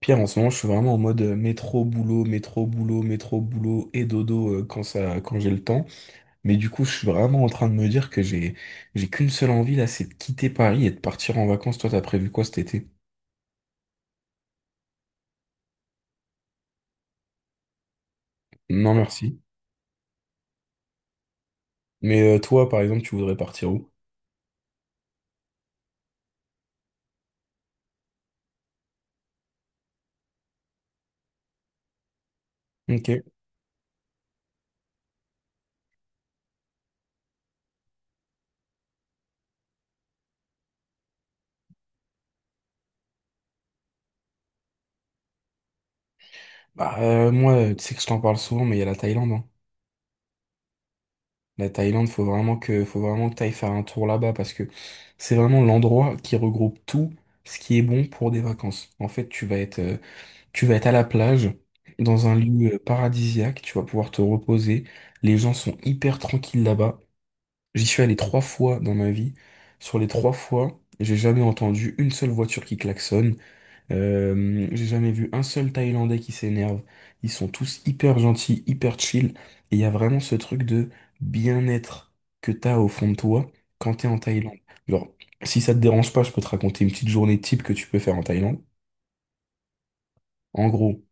Pierre, en ce moment, je suis vraiment en mode métro, boulot, métro, boulot, métro, boulot et dodo quand j'ai le temps. Mais du coup, je suis vraiment en train de me dire que j'ai qu'une seule envie là, c'est de quitter Paris et de partir en vacances. Toi, t'as prévu quoi cet été? Non, merci. Mais toi, par exemple, tu voudrais partir où? Ok. Bah, moi, tu sais que je t'en parle souvent, mais il y a la Thaïlande, hein. La Thaïlande, faut vraiment que t'ailles faire un tour là-bas parce que c'est vraiment l'endroit qui regroupe tout ce qui est bon pour des vacances. En fait, tu vas être à la plage, dans un lieu paradisiaque, tu vas pouvoir te reposer. Les gens sont hyper tranquilles là-bas. J'y suis allé trois fois dans ma vie. Sur les trois fois, j'ai jamais entendu une seule voiture qui klaxonne. J'ai jamais vu un seul Thaïlandais qui s'énerve. Ils sont tous hyper gentils, hyper chill. Et il y a vraiment ce truc de bien-être que t'as au fond de toi quand t'es en Thaïlande. Genre, si ça te dérange pas, je peux te raconter une petite journée type que tu peux faire en Thaïlande. En gros,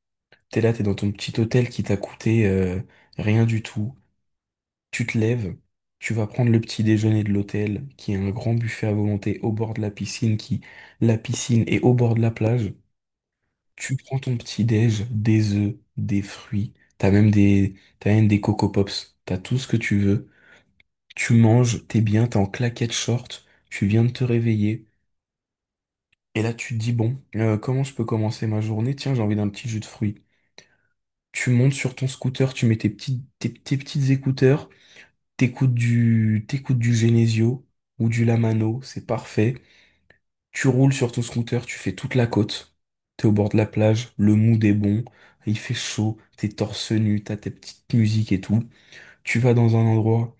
t'es là, t'es dans ton petit hôtel qui t'a coûté rien du tout. Tu te lèves, tu vas prendre le petit déjeuner de l'hôtel, qui est un grand buffet à volonté au bord de la piscine, qui la piscine est au bord de la plage. Tu prends ton petit déj, des œufs, des fruits, t'as même des Coco Pops, t'as tout ce que tu veux. Tu manges, t'es bien, t'es en claquette short, tu viens de te réveiller. Et là, tu te dis, bon, comment je peux commencer ma journée? Tiens, j'ai envie d'un petit jus de fruits. Tu montes sur ton scooter, tu mets tes petites écouteurs, t'écoutes du Genesio ou du Lamano, c'est parfait. Tu roules sur ton scooter, tu fais toute la côte. T'es au bord de la plage, le mood est bon, il fait chaud, t'es torse nu, t'as tes petites musiques et tout. Tu vas dans un endroit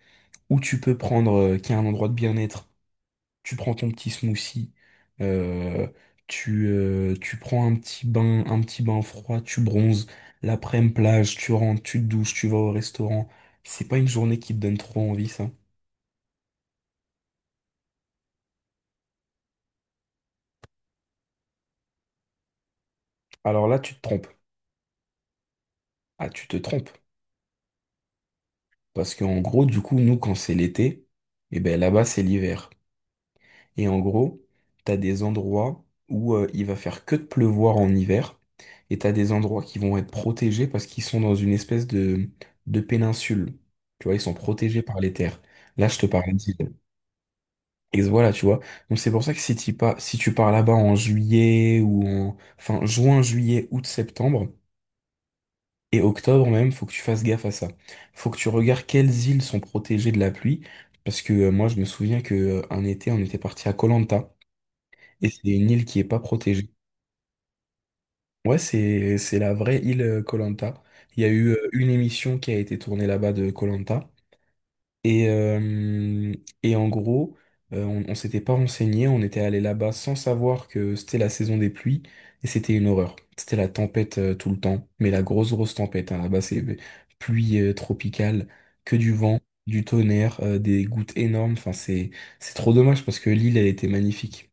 où tu peux prendre, qui est un endroit de bien-être, tu prends ton petit smoothie, euh, tu prends un petit bain froid, tu bronzes, l'après-midi plage, tu rentres, tu te douches, tu vas au restaurant. C'est pas une journée qui te donne trop envie, ça. Alors là, tu te trompes. Ah, tu te trompes. Parce qu'en gros, du coup, nous, quand c'est l'été, eh ben là-bas, c'est l'hiver. Et en gros, t'as des endroits où il va faire que de pleuvoir en hiver, et t'as des endroits qui vont être protégés parce qu'ils sont dans une espèce de péninsule. Tu vois, ils sont protégés par les terres. Là, je te parle d'île. Et voilà, tu vois. Donc c'est pour ça que si tu pars là-bas en juillet enfin, juin, juillet, août, septembre et octobre même, faut que tu fasses gaffe à ça. Faut que tu regardes quelles îles sont protégées de la pluie, parce que moi, je me souviens que un été, on était parti à Koh Lanta. Et c'est une île qui est pas protégée. Ouais, c'est la vraie île koh. Il y a eu une émission qui a été tournée là-bas de koh. Et, euh, et en gros, on s'était pas renseigné, on était allé là-bas sans savoir que c'était la saison des pluies. Et c'était une horreur. C'était la tempête tout le temps. Mais la grosse, grosse tempête, hein. Là-bas, c'est pluie tropicale, que du vent, du tonnerre, des gouttes énormes. Enfin, c'est trop dommage parce que l'île, elle était magnifique.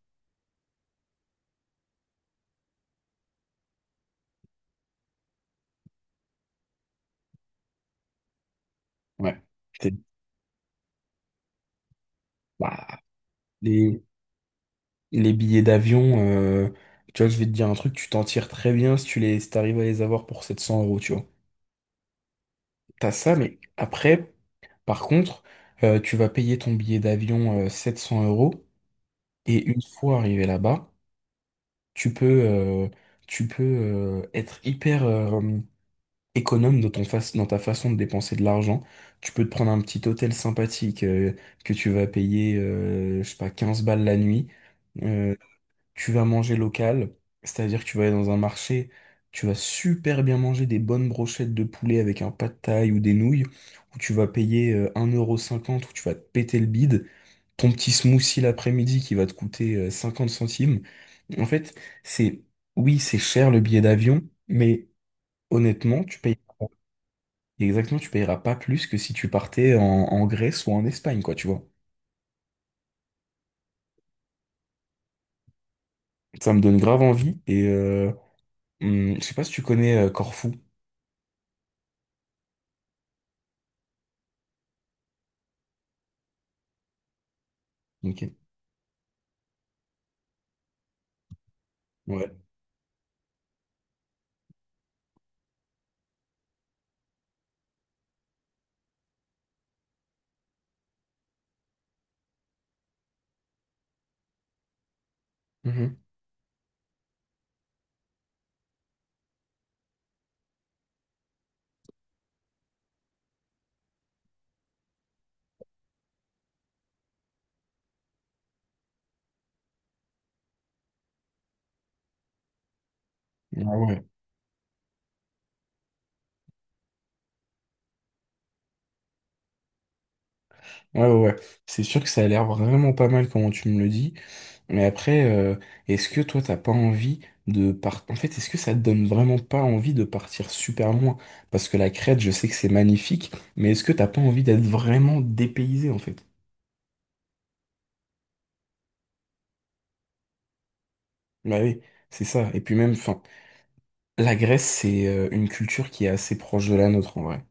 Ouais. C'était- bah, les- Les billets d'avion, tu vois, je vais te dire un truc, tu t'en tires très bien si si t'arrives à les avoir pour 700 euros, tu vois. T'as ça, mais après, par contre, tu vas payer ton billet d'avion 700 € et une fois arrivé là-bas, tu peux, euh, tu peux être hyper économe dans ton face, dans ta façon de dépenser de l'argent. Tu peux te prendre un petit hôtel sympathique que tu vas payer, je sais pas, 15 balles la nuit. euh, tu vas manger local, c'est-à-dire que tu vas aller dans un marché, tu vas super bien manger des bonnes brochettes de poulet avec un pad thaï ou des nouilles, où tu vas payer 1,50 € où tu vas te péter le bide, ton petit smoothie l'après-midi qui va te coûter 50 centimes. En fait, c'est, oui, c'est cher le billet d'avion, mais honnêtement, tu payes, exactement, tu payeras pas plus que si tu partais en Grèce ou en Espagne, quoi, tu vois. Ça me donne grave envie, et je sais pas si tu connais Corfou. Ok. Ouais. Ah ouais, ah ouais, ouais. C'est sûr que ça a l'air vraiment pas mal comment tu me le dis. Mais après, est-ce que toi, t'as pas envie de partir. En fait, est-ce que ça te donne vraiment pas envie de partir super loin? Parce que la Crète, je sais que c'est magnifique, mais est-ce que t'as pas envie d'être vraiment dépaysé, en fait? Bah oui, c'est ça. Et puis même, enfin, la Grèce, c'est une culture qui est assez proche de la nôtre, en vrai.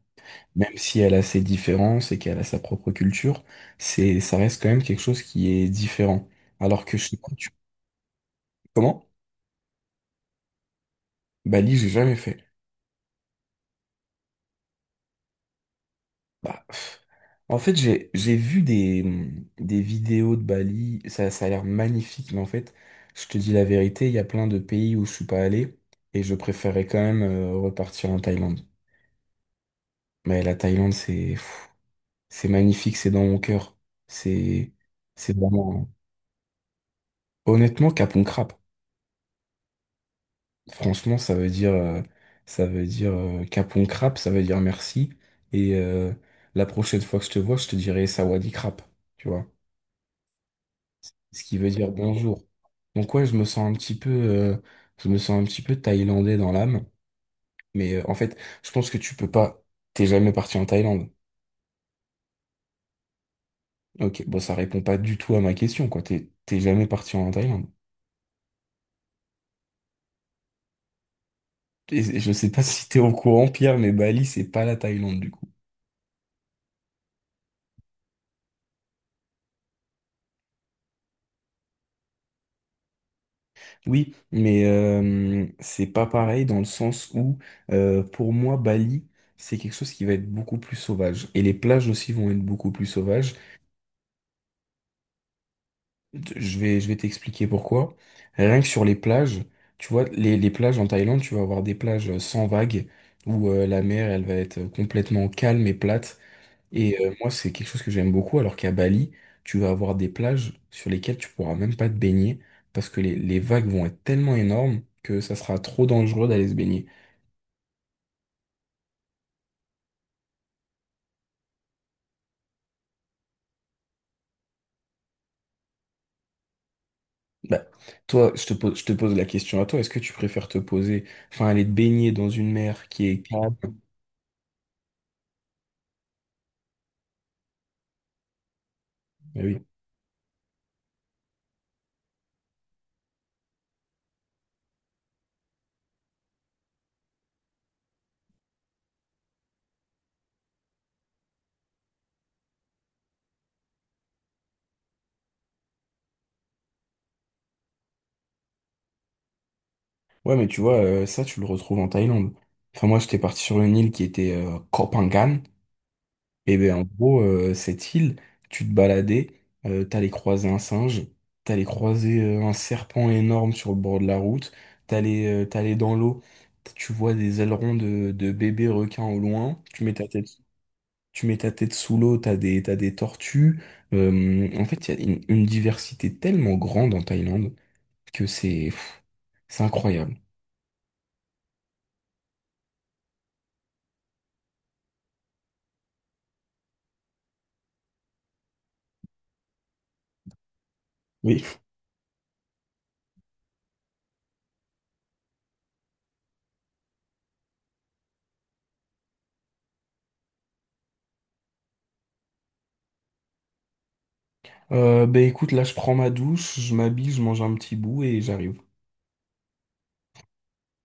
Même si elle a ses différences et qu'elle a sa propre culture, ça reste quand même quelque chose qui est différent. Alors que je sais pas, tu. Comment? Bali, j'ai jamais fait. Bah, pff. En fait, j'ai vu des, vidéos de Bali, ça a l'air magnifique, mais en fait, je te dis la vérité, il y a plein de pays où je suis pas allé, et je préférais quand même repartir en Thaïlande. Mais la Thaïlande, c'est pff, c'est magnifique, c'est dans mon cœur. C'est c'est vraiment. Honnêtement, Kapon crap. Franchement, ça veut dire Kapon Krap, ça veut dire merci, et la prochaine fois que je te vois, je te dirai Sawadee crap, tu vois. Ce qui veut dire bonjour. Donc ouais, je me sens un petit peu thaïlandais dans l'âme. Mais en fait, je pense que tu peux pas. T'es jamais parti en Thaïlande. Ok, bon, ça répond pas du tout à ma question, quoi. T'es jamais parti en Thaïlande. Et je sais pas si t'es au courant, Pierre, mais Bali, c'est pas la Thaïlande du coup. Oui, mais c'est pas pareil dans le sens où, pour moi, Bali, c'est quelque chose qui va être beaucoup plus sauvage. Et les plages aussi vont être beaucoup plus sauvages. Je vais t'expliquer pourquoi. Rien que sur les plages, tu vois, les plages en Thaïlande, tu vas avoir des plages sans vagues, où la mer, elle va être complètement calme et plate. Et moi, c'est quelque chose que j'aime beaucoup, alors qu'à Bali, tu vas avoir des plages sur lesquelles tu pourras même pas te baigner, parce que les vagues vont être tellement énormes que ça sera trop dangereux d'aller se baigner. Bah, toi, je te pose la question à toi, est-ce que tu préfères te poser, enfin, aller te baigner dans une mer qui est calme? Ah oui. Ouais, mais tu vois, ça, tu le retrouves en Thaïlande. Enfin, moi, j'étais parti sur une île qui était Koh Phangan. Et ben en gros, cette île, tu te baladais, t'allais croiser un singe, t'allais croiser un serpent énorme sur le bord de la route, t'allais dans l'eau, tu vois des ailerons de bébés requins au loin, tu mets ta tête sous l'eau, t'as des tortues. En fait, il y a une diversité tellement grande en Thaïlande que c'est pff, c'est incroyable. Oui. Ben écoute, là je prends ma douche, je m'habille, je mange un petit bout et j'arrive.